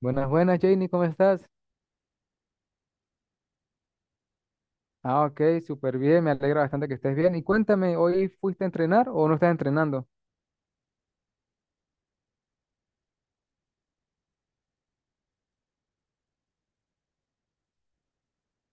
Buenas, buenas, Janie, ¿cómo estás? Ah, ok, súper bien, me alegra bastante que estés bien. Y cuéntame, ¿hoy fuiste a entrenar o no estás entrenando?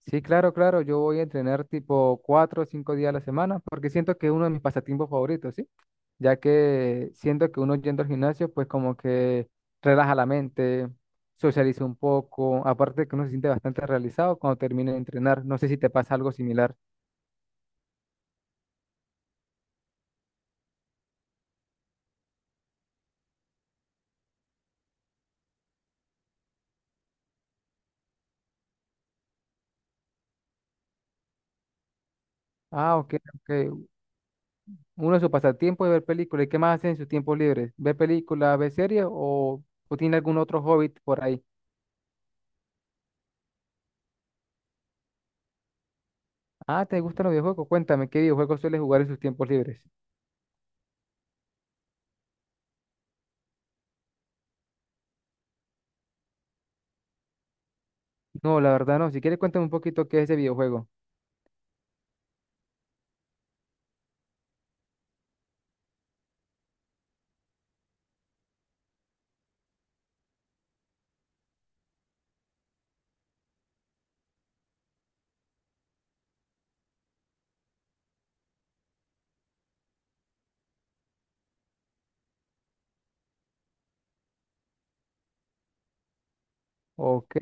Sí, claro, claro, yo voy a entrenar tipo cuatro o cinco días a la semana porque siento que es uno de mis pasatiempos favoritos, ¿sí? Ya que siento que uno yendo al gimnasio, pues como que relaja la mente, socializa un poco, aparte que uno se siente bastante realizado cuando termina de entrenar. No sé si te pasa algo similar. Ah, ok, ok. Uno de sus pasatiempos es ver películas. ¿Y qué más hacen en sus tiempos libres? ¿Ver películas, ver series o tiene algún otro hobby por ahí? Ah, ¿te gustan los videojuegos? Cuéntame, ¿qué videojuegos sueles jugar en sus tiempos libres? No, la verdad no. Si quieres, cuéntame un poquito qué es ese videojuego. O qué.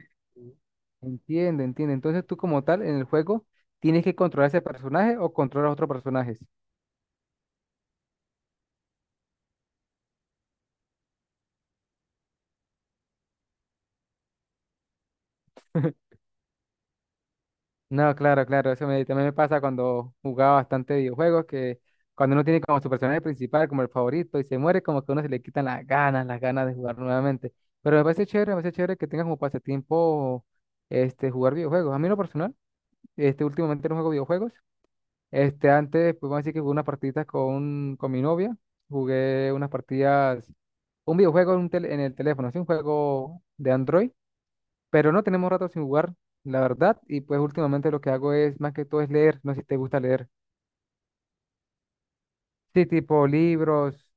Entiendo, entiendo. Entonces tú como tal en el juego tienes que controlar ese personaje o controlar a otros personajes. No, claro, claro, eso me, también me pasa cuando jugaba bastante videojuegos, que cuando uno tiene como su personaje principal, como el favorito, y se muere, como que a uno se le quitan las ganas de jugar nuevamente. Pero me parece chévere que tengas como pasatiempo este, jugar videojuegos. A mí en lo personal, este, últimamente no juego videojuegos. Este, antes, pues vamos a decir que jugué unas partiditas con mi novia, jugué unas partidas, un videojuego en, un en el teléfono, es un juego de Android pero no tenemos rato sin jugar, la verdad, y pues últimamente lo que hago es, más que todo, es leer, no sé si te gusta leer. Sí, tipo libros,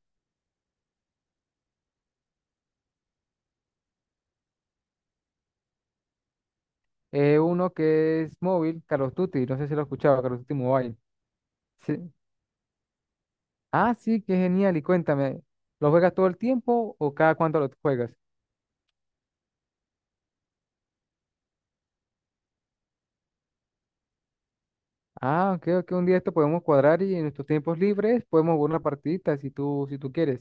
uno que es móvil, Call of Duty, no sé si lo has escuchado, Call of Duty Mobile. Sí. Ah, sí, qué genial, y cuéntame, ¿lo juegas todo el tiempo o cada cuánto lo juegas? Ah, creo que un día esto podemos cuadrar y en nuestros tiempos libres podemos jugar una partidita si tú, si tú quieres.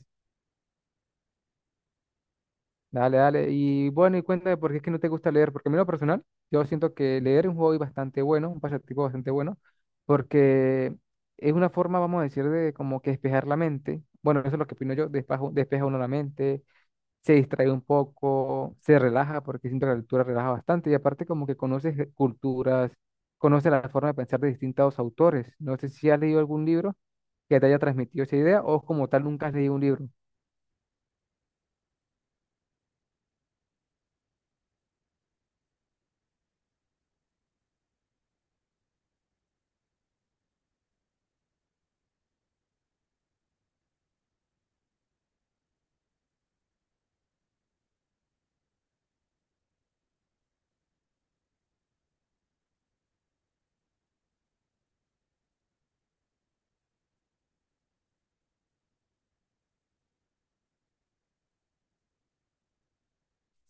Dale, dale. Y bueno, y cuéntame por qué es que no te gusta leer, porque a mí en lo personal, yo siento que leer es un hobby bastante bueno, un pasatiempo bastante bueno, porque es una forma, vamos a decir, de como que despejar la mente. Bueno, eso es lo que opino yo, despeja, despeja uno la mente, se distrae un poco, se relaja, porque siento que la lectura relaja bastante, y aparte como que conoces culturas, conoces la forma de pensar de distintos autores. No sé si has leído algún libro que te haya transmitido esa idea o como tal nunca has leído un libro.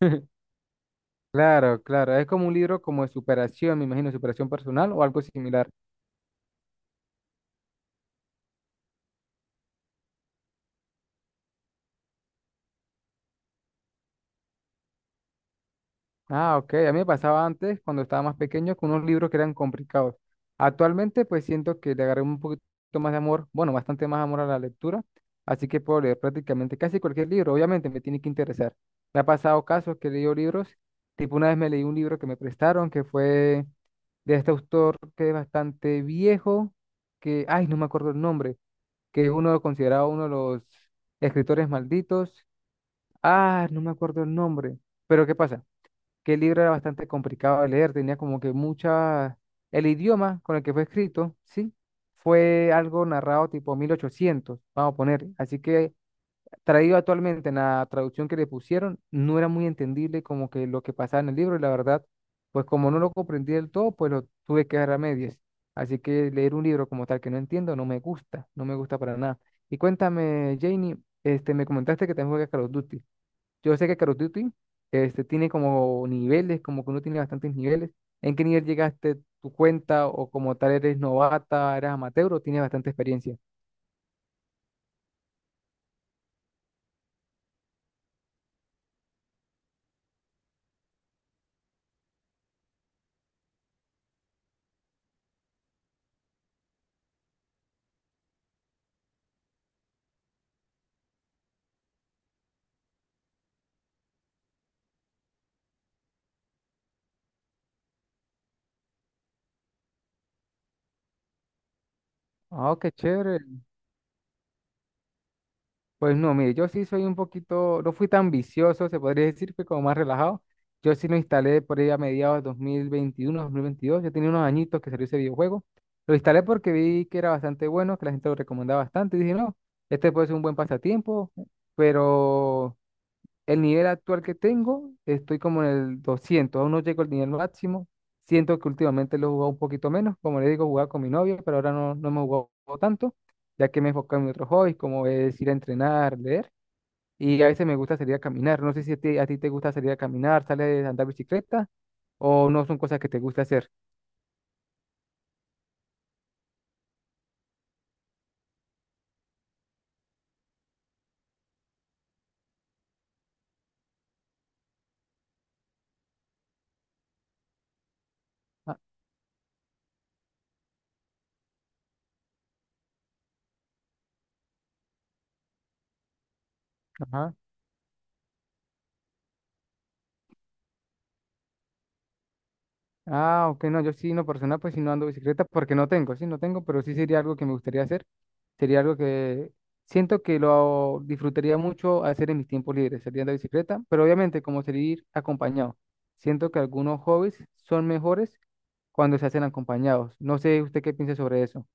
Claro, claro, es como un libro como de superación, me imagino, superación personal o algo similar. Ah, ok, a mí me pasaba antes, cuando estaba más pequeño, con unos libros que eran complicados. Actualmente, pues siento que le agarré un poquito más de amor, bueno, bastante más amor a la lectura, así que puedo leer prácticamente casi cualquier libro, obviamente me tiene que interesar. Me ha pasado casos que he leído libros, tipo una vez me leí un libro que me prestaron, que fue de este autor que es bastante viejo, que, ay, no me acuerdo el nombre que es uno considerado uno de los escritores malditos. Ah, no me acuerdo el nombre. Pero ¿qué pasa? Que el libro era bastante complicado de leer, tenía como que mucha... El idioma con el que fue escrito, sí, fue algo narrado tipo 1800 vamos a poner. Así que traído actualmente en la traducción que le pusieron, no era muy entendible como que lo que pasaba en el libro y la verdad, pues como no lo comprendí del todo, pues lo tuve que dejar a medias. Así que leer un libro como tal que no entiendo no me gusta, no me gusta para nada. Y cuéntame, Janie, este, me comentaste que también juegas Call of Duty. Yo sé que Call of Duty, este, tiene como niveles, como que uno tiene bastantes niveles. ¿En qué nivel llegaste tu cuenta o como tal eres novata, eres amateur o tienes bastante experiencia? Ah, qué chévere. Pues no, mire, yo sí soy un poquito, no fui tan vicioso, se podría decir, fui como más relajado. Yo sí lo instalé por ahí a mediados de 2021, 2022, yo tenía unos añitos que salió ese videojuego. Lo instalé porque vi que era bastante bueno, que la gente lo recomendaba bastante, y dije, no, este puede ser un buen pasatiempo, pero el nivel actual que tengo, estoy como en el 200, aún no llego al nivel máximo. Siento que últimamente lo he jugado un poquito menos, como le digo, jugaba con mi novia, pero ahora no, no me he jugado tanto, ya que me he enfocado en mis otros hobbies, como es ir a entrenar, leer, y a veces me gusta salir a caminar. No sé si a ti, a ti te gusta salir a caminar, sales a andar bicicleta, o no son cosas que te gusta hacer. Ah, ajá. Ah, ok, no, yo sí, no personal, pues sí no ando bicicleta porque no tengo, sí no tengo, pero sí sería algo que me gustaría hacer. Sería algo que siento que lo disfrutaría mucho hacer en mis tiempos libres, sería andar bicicleta, pero obviamente como salir acompañado. Siento que algunos hobbies son mejores cuando se hacen acompañados. No sé usted qué piensa sobre eso.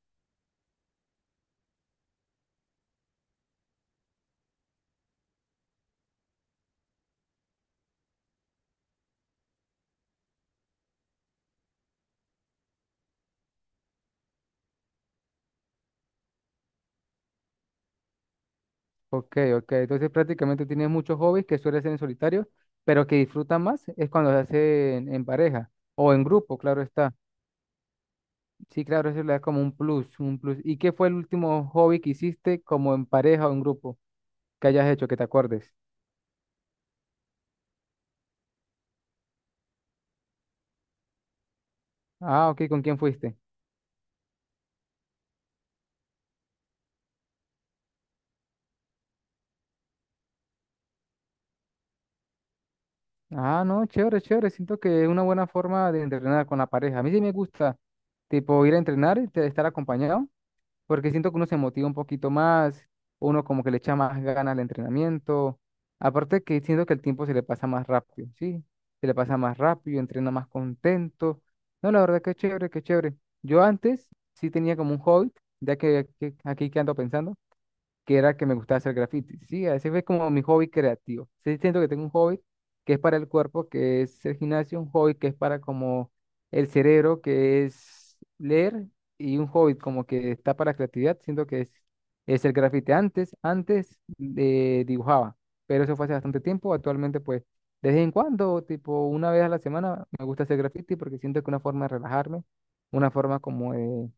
Ok, ok, entonces prácticamente tiene muchos hobbies que suele hacer en solitario, pero que disfrutan más es cuando se hacen en pareja o en grupo, claro está. Sí, claro, eso le da como un plus, un plus. ¿Y qué fue el último hobby que hiciste como en pareja o en grupo que hayas hecho, que te acuerdes? Ah, ok, ¿con quién fuiste? Ah, no, chévere, chévere. Siento que es una buena forma de entrenar con la pareja. A mí sí me gusta, tipo, ir a entrenar y estar acompañado. Porque siento que uno se motiva un poquito más, uno como que le echa más ganas al entrenamiento, aparte que siento que el tiempo se le pasa más rápido, ¿sí? Se le pasa más rápido, entrena más contento. No, la verdad que chévere, que chévere. Yo antes sí tenía como un hobby, ya que, aquí que ando pensando que era que me gustaba hacer graffiti. Sí, ese fue como mi hobby creativo. Sí, siento que tengo un hobby que es para el cuerpo, que es el gimnasio, un hobby que es para como el cerebro, que es leer, y un hobby como que está para creatividad. Siento que es el graffiti. Antes, antes dibujaba, pero eso fue hace bastante tiempo. Actualmente, pues, de vez en cuando, tipo una vez a la semana, me gusta hacer graffiti porque siento que es una forma de relajarme, una forma como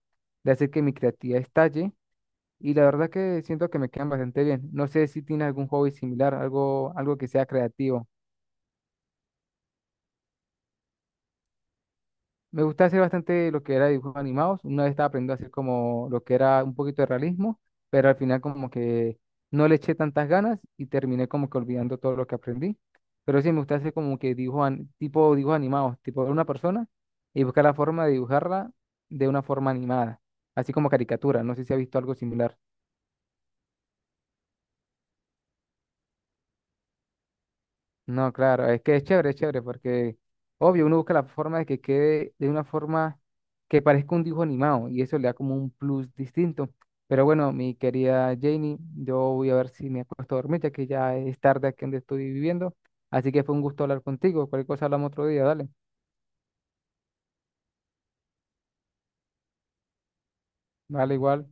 de hacer que mi creatividad estalle y la verdad que siento que me quedan bastante bien. No sé si tiene algún hobby similar, algo, algo que sea creativo. Me gusta hacer bastante lo que era dibujos animados. Una vez estaba aprendiendo a hacer como lo que era un poquito de realismo, pero al final como que no le eché tantas ganas y terminé como que olvidando todo lo que aprendí. Pero sí, me gusta hacer como que dibujos, tipo dibujos animados, tipo de una persona y buscar la forma de dibujarla de una forma animada, así como caricatura. No sé si ha visto algo similar. No, claro, es que es chévere, porque obvio, uno busca la forma de que quede de una forma que parezca un dibujo animado y eso le da como un plus distinto. Pero bueno, mi querida Janie, yo voy a ver si me acuesto a dormir, ya que ya es tarde aquí donde estoy viviendo. Así que fue un gusto hablar contigo. Cualquier cosa hablamos otro día, dale. Vale, igual.